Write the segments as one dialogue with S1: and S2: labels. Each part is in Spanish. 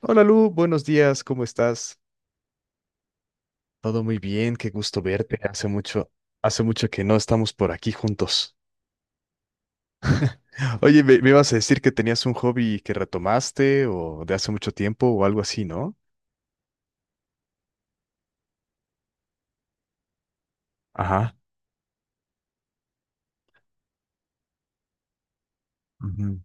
S1: Hola Lu, buenos días, ¿cómo estás? Todo muy bien, qué gusto verte. Hace mucho que no estamos por aquí juntos. Oye, me ibas a decir que tenías un hobby que retomaste o de hace mucho tiempo o algo así, ¿no? Ajá. Ujú.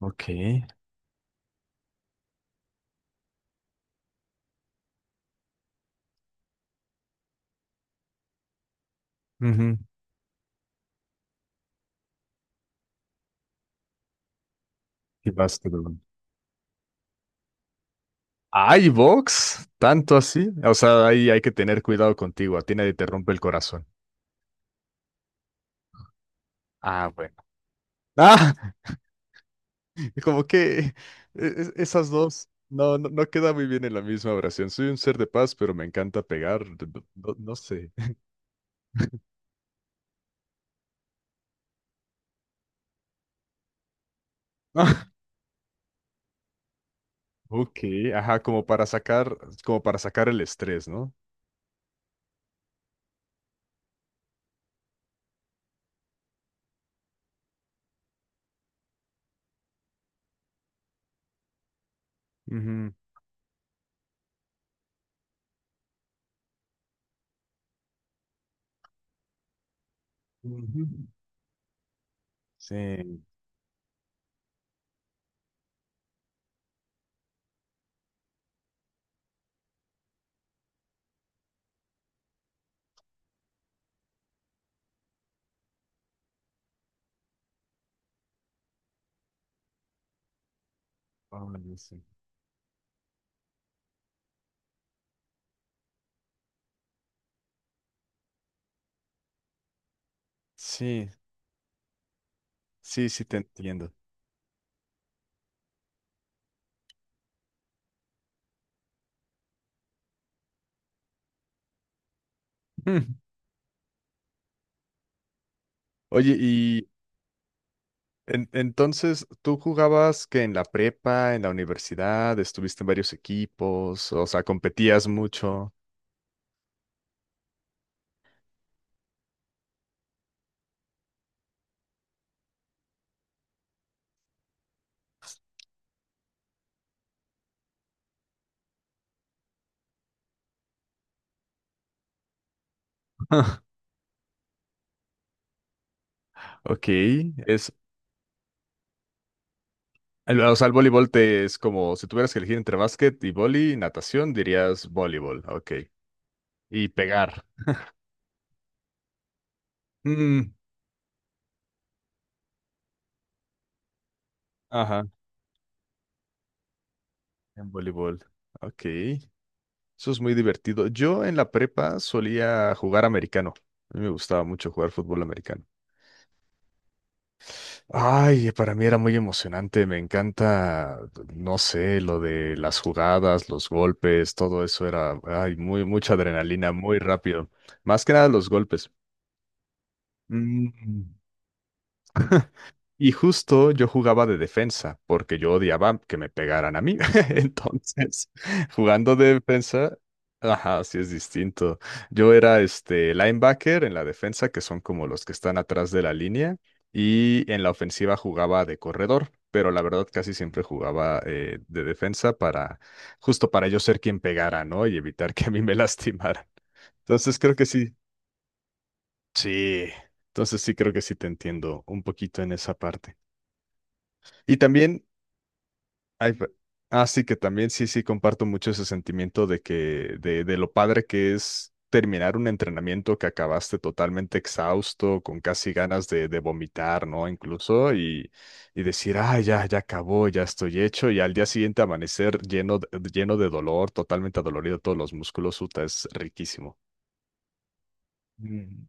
S1: Ok. Ujú. Y básquetbol. ¡Ay, box! ¿Tanto así? O sea, ahí hay que tener cuidado contigo, a ti nadie te rompe el corazón. Ah, bueno. Como que es esas dos no queda muy bien en la misma oración. Soy un ser de paz, pero me encanta pegar. No, no sé. Ok, ajá, como para sacar el estrés, ¿no? Ujú. Ujú. Sí. Ay, sí. Sí, sí, sí te entiendo. Mm. Oye, y entonces, ¿tú jugabas que en la prepa, en la universidad, estuviste en varios equipos, o sea, competías mucho? Ok. es, o sea, el voleibol te es como si tuvieras que elegir entre básquet y vóley y natación, dirías voleibol. Ok. Y pegar. Mm, ajá, en voleibol. Ok. Eso es muy divertido. Yo en la prepa solía jugar americano. A mí me gustaba mucho jugar fútbol americano. Ay, para mí era muy emocionante. Me encanta, no sé, lo de las jugadas, los golpes, todo eso era, ay, mucha adrenalina, muy rápido. Más que nada los golpes. Mm. Y justo yo jugaba de defensa, porque yo odiaba que me pegaran a mí. Entonces, jugando de defensa, ajá, sí es distinto. Yo era este linebacker en la defensa, que son como los que están atrás de la línea, y en la ofensiva jugaba de corredor, pero la verdad casi siempre jugaba de defensa justo para yo ser quien pegara, ¿no? Y evitar que a mí me lastimaran. Entonces creo que sí. Sí. Entonces sí creo que sí te entiendo un poquito en esa parte. Y también, ay, sí, que también sí, sí, comparto mucho ese sentimiento de que, de lo padre que es terminar un entrenamiento que acabaste totalmente exhausto, con casi ganas de vomitar, ¿no? Incluso, y decir, ah, ya, ya acabó, ya estoy hecho, y al día siguiente amanecer lleno de dolor, totalmente adolorido todos los músculos, uta, es riquísimo. Mm.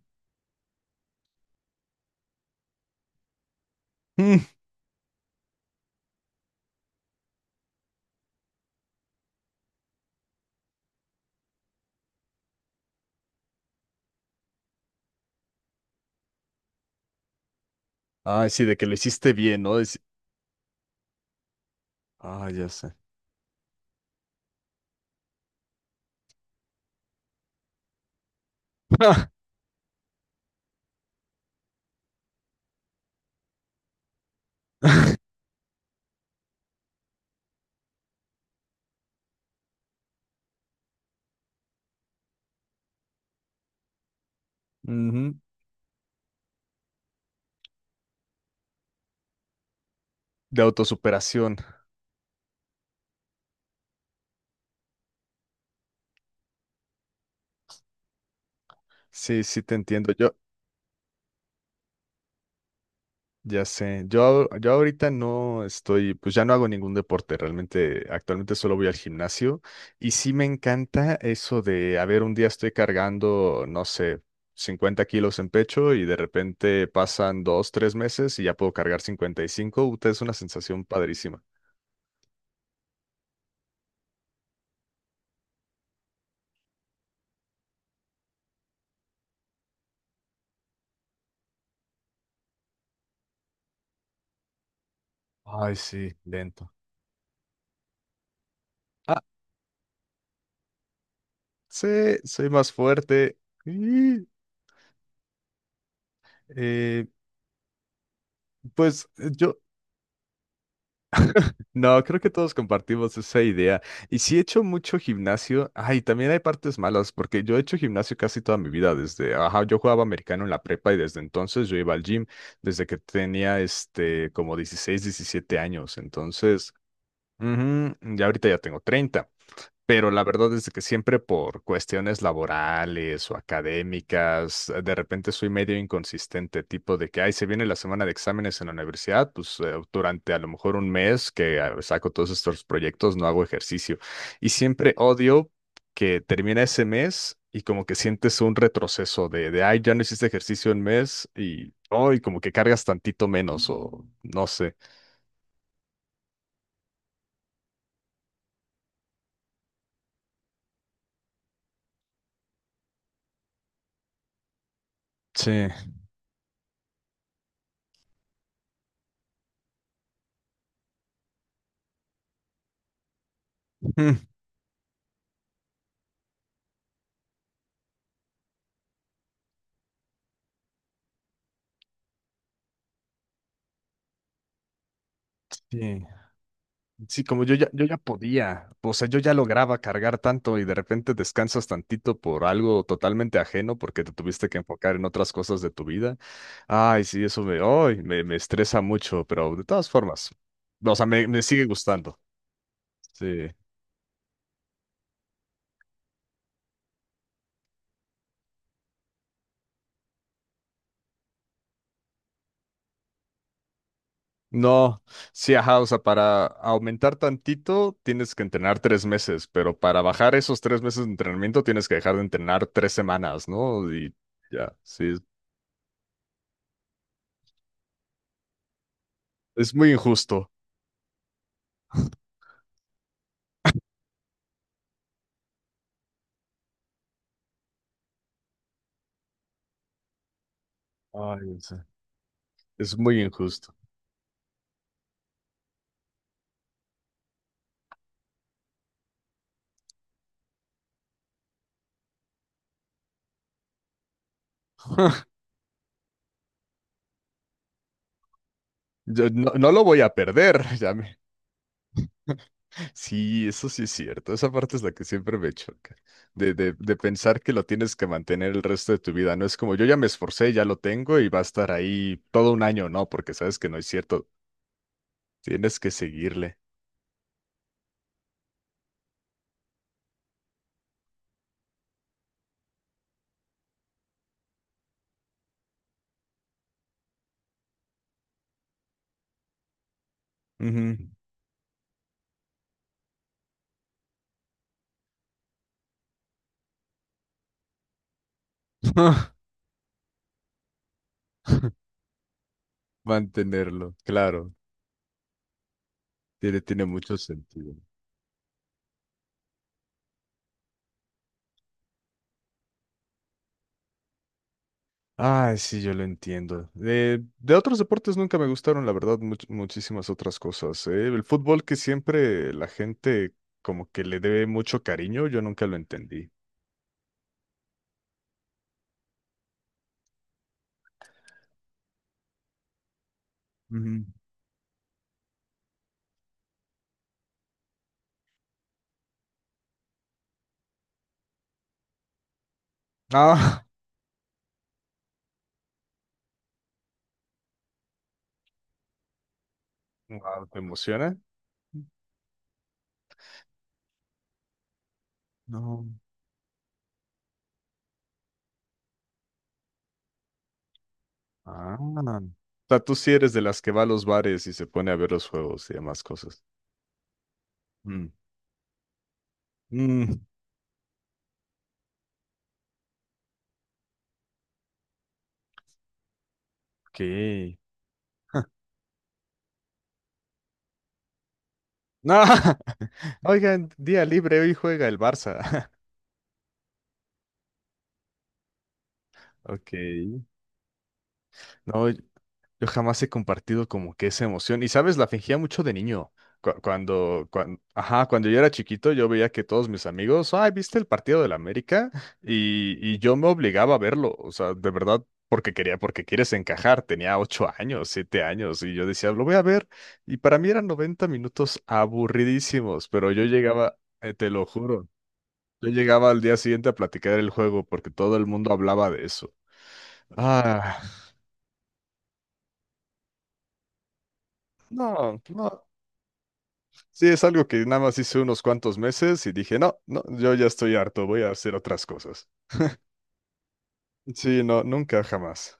S1: Mm. Ay, sí, de que lo hiciste bien, ¿no? Ya sé. Ujú. De autosuperación. Sí, sí te entiendo. Yo, ya sé. Yo ahorita no estoy, pues ya no hago ningún deporte, realmente actualmente solo voy al gimnasio y sí me encanta eso de, a ver, un día estoy cargando, no sé, 50 kilos en pecho y de repente pasan dos, tres meses y ya puedo cargar 55. Uta, es una sensación padrísima. Ay, sí, lento. Ah, sí, soy más fuerte. Y, eh, pues yo. No, creo que todos compartimos esa idea. Y sí he hecho mucho gimnasio. Ay, también hay partes malas, porque yo he hecho gimnasio casi toda mi vida, desde, ajá, yo jugaba americano en la prepa y desde entonces yo iba al gym, desde que tenía, como 16, 17 años. Entonces, ujú, ya ahorita ya tengo 30, pero la verdad es de que siempre por cuestiones laborales o académicas, de repente soy medio inconsistente, tipo de que, ay, se viene la semana de exámenes en la universidad, pues durante a lo mejor un mes que saco todos estos proyectos no hago ejercicio. Y siempre odio que termina ese mes y como que sientes un retroceso de, ay, ya no hiciste ejercicio un mes y hoy como que cargas tantito menos o no sé. Sí. Mm. Sí. Sí, como yo ya podía, o sea, yo ya lograba cargar tanto y de repente descansas tantito por algo totalmente ajeno porque te tuviste que enfocar en otras cosas de tu vida. Ay, sí, eso me, ay, me estresa mucho, pero de todas formas, o sea, me sigue gustando. Sí. No, sí, ajá, o sea, para aumentar tantito tienes que entrenar 3 meses, pero para bajar esos 3 meses de entrenamiento tienes que dejar de entrenar 3 semanas, ¿no? Y ya, sí, es muy injusto. Ay, sí. Es muy injusto. Yo no, no lo voy a perder. Ya me... Sí, eso sí es cierto. Esa parte es la que siempre me choca. De pensar que lo tienes que mantener el resto de tu vida. No es como yo ya me esforcé, ya lo tengo y va a estar ahí todo un año. No, porque sabes que no es cierto. Tienes que seguirle. Ujú. Mantenerlo. Claro. Tiene mucho sentido. Ay, sí, yo lo entiendo. De otros deportes nunca me gustaron, la verdad, muchísimas otras cosas. ¿Eh? El fútbol, que siempre la gente como que le debe mucho cariño, yo nunca lo entendí. Ujú. Ah. Wow, ¿te emociona? No. Ah. O sea, tú sí eres de las que va a los bares y se pone a ver los juegos y demás cosas. Mm. Mm, ok. No. Oigan, día libre, hoy juega el Barça. Ok. No. Yo jamás he compartido como que esa emoción. Y sabes, la fingía mucho de niño. Cuando, ajá, cuando yo era chiquito, yo veía que todos mis amigos, ay, ¿viste el partido del América? Y yo me obligaba a verlo. O sea, de verdad, porque quieres encajar. Tenía 8 años, 7 años, y yo decía, lo voy a ver. Y para mí eran 90 minutos aburridísimos, pero yo llegaba, te lo juro, yo llegaba al día siguiente a platicar el juego porque todo el mundo hablaba de eso. Ah, no, no. Sí, es algo que nada más hice unos cuantos meses y dije, no, no, yo ya estoy harto, voy a hacer otras cosas. Sí, no, nunca, jamás.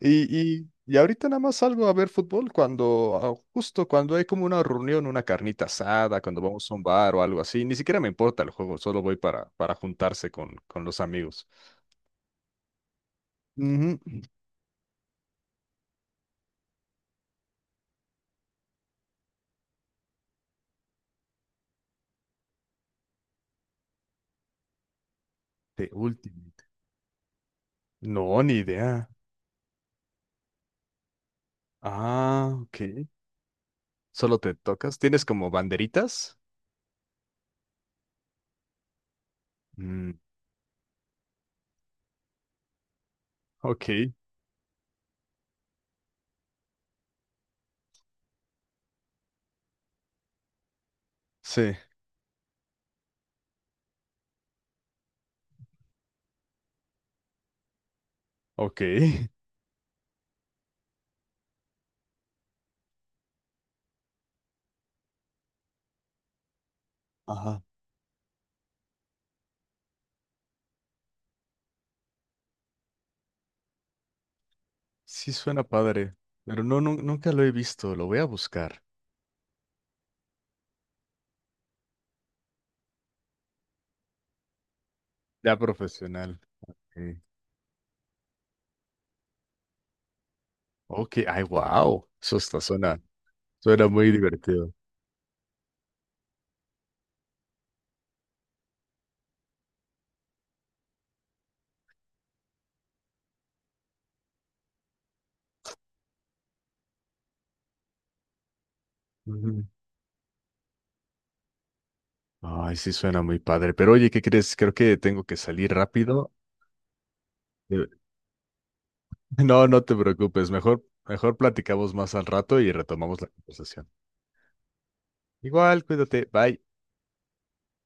S1: Y ahorita nada más salgo a ver fútbol justo cuando hay como una reunión, una carnita asada, cuando vamos a un bar o algo así. Ni siquiera me importa el juego, solo voy para juntarse con los amigos. Ujú. De último. No, ni idea. Ah, ok. Solo te tocas. ¿Tienes como banderitas? Mm, ok. Sí, ok. Ajá. Sí suena padre, pero no, nunca lo he visto. Lo voy a buscar. Ya profesional. Sí. Ok, ay, wow. Eso está, suena muy divertido. Ujú. Ay, sí suena muy padre. Pero oye, ¿qué crees? Creo que tengo que salir rápido. Eh, No, no te preocupes. Mejor platicamos más al rato y retomamos la conversación. Igual, cuídate. Bye.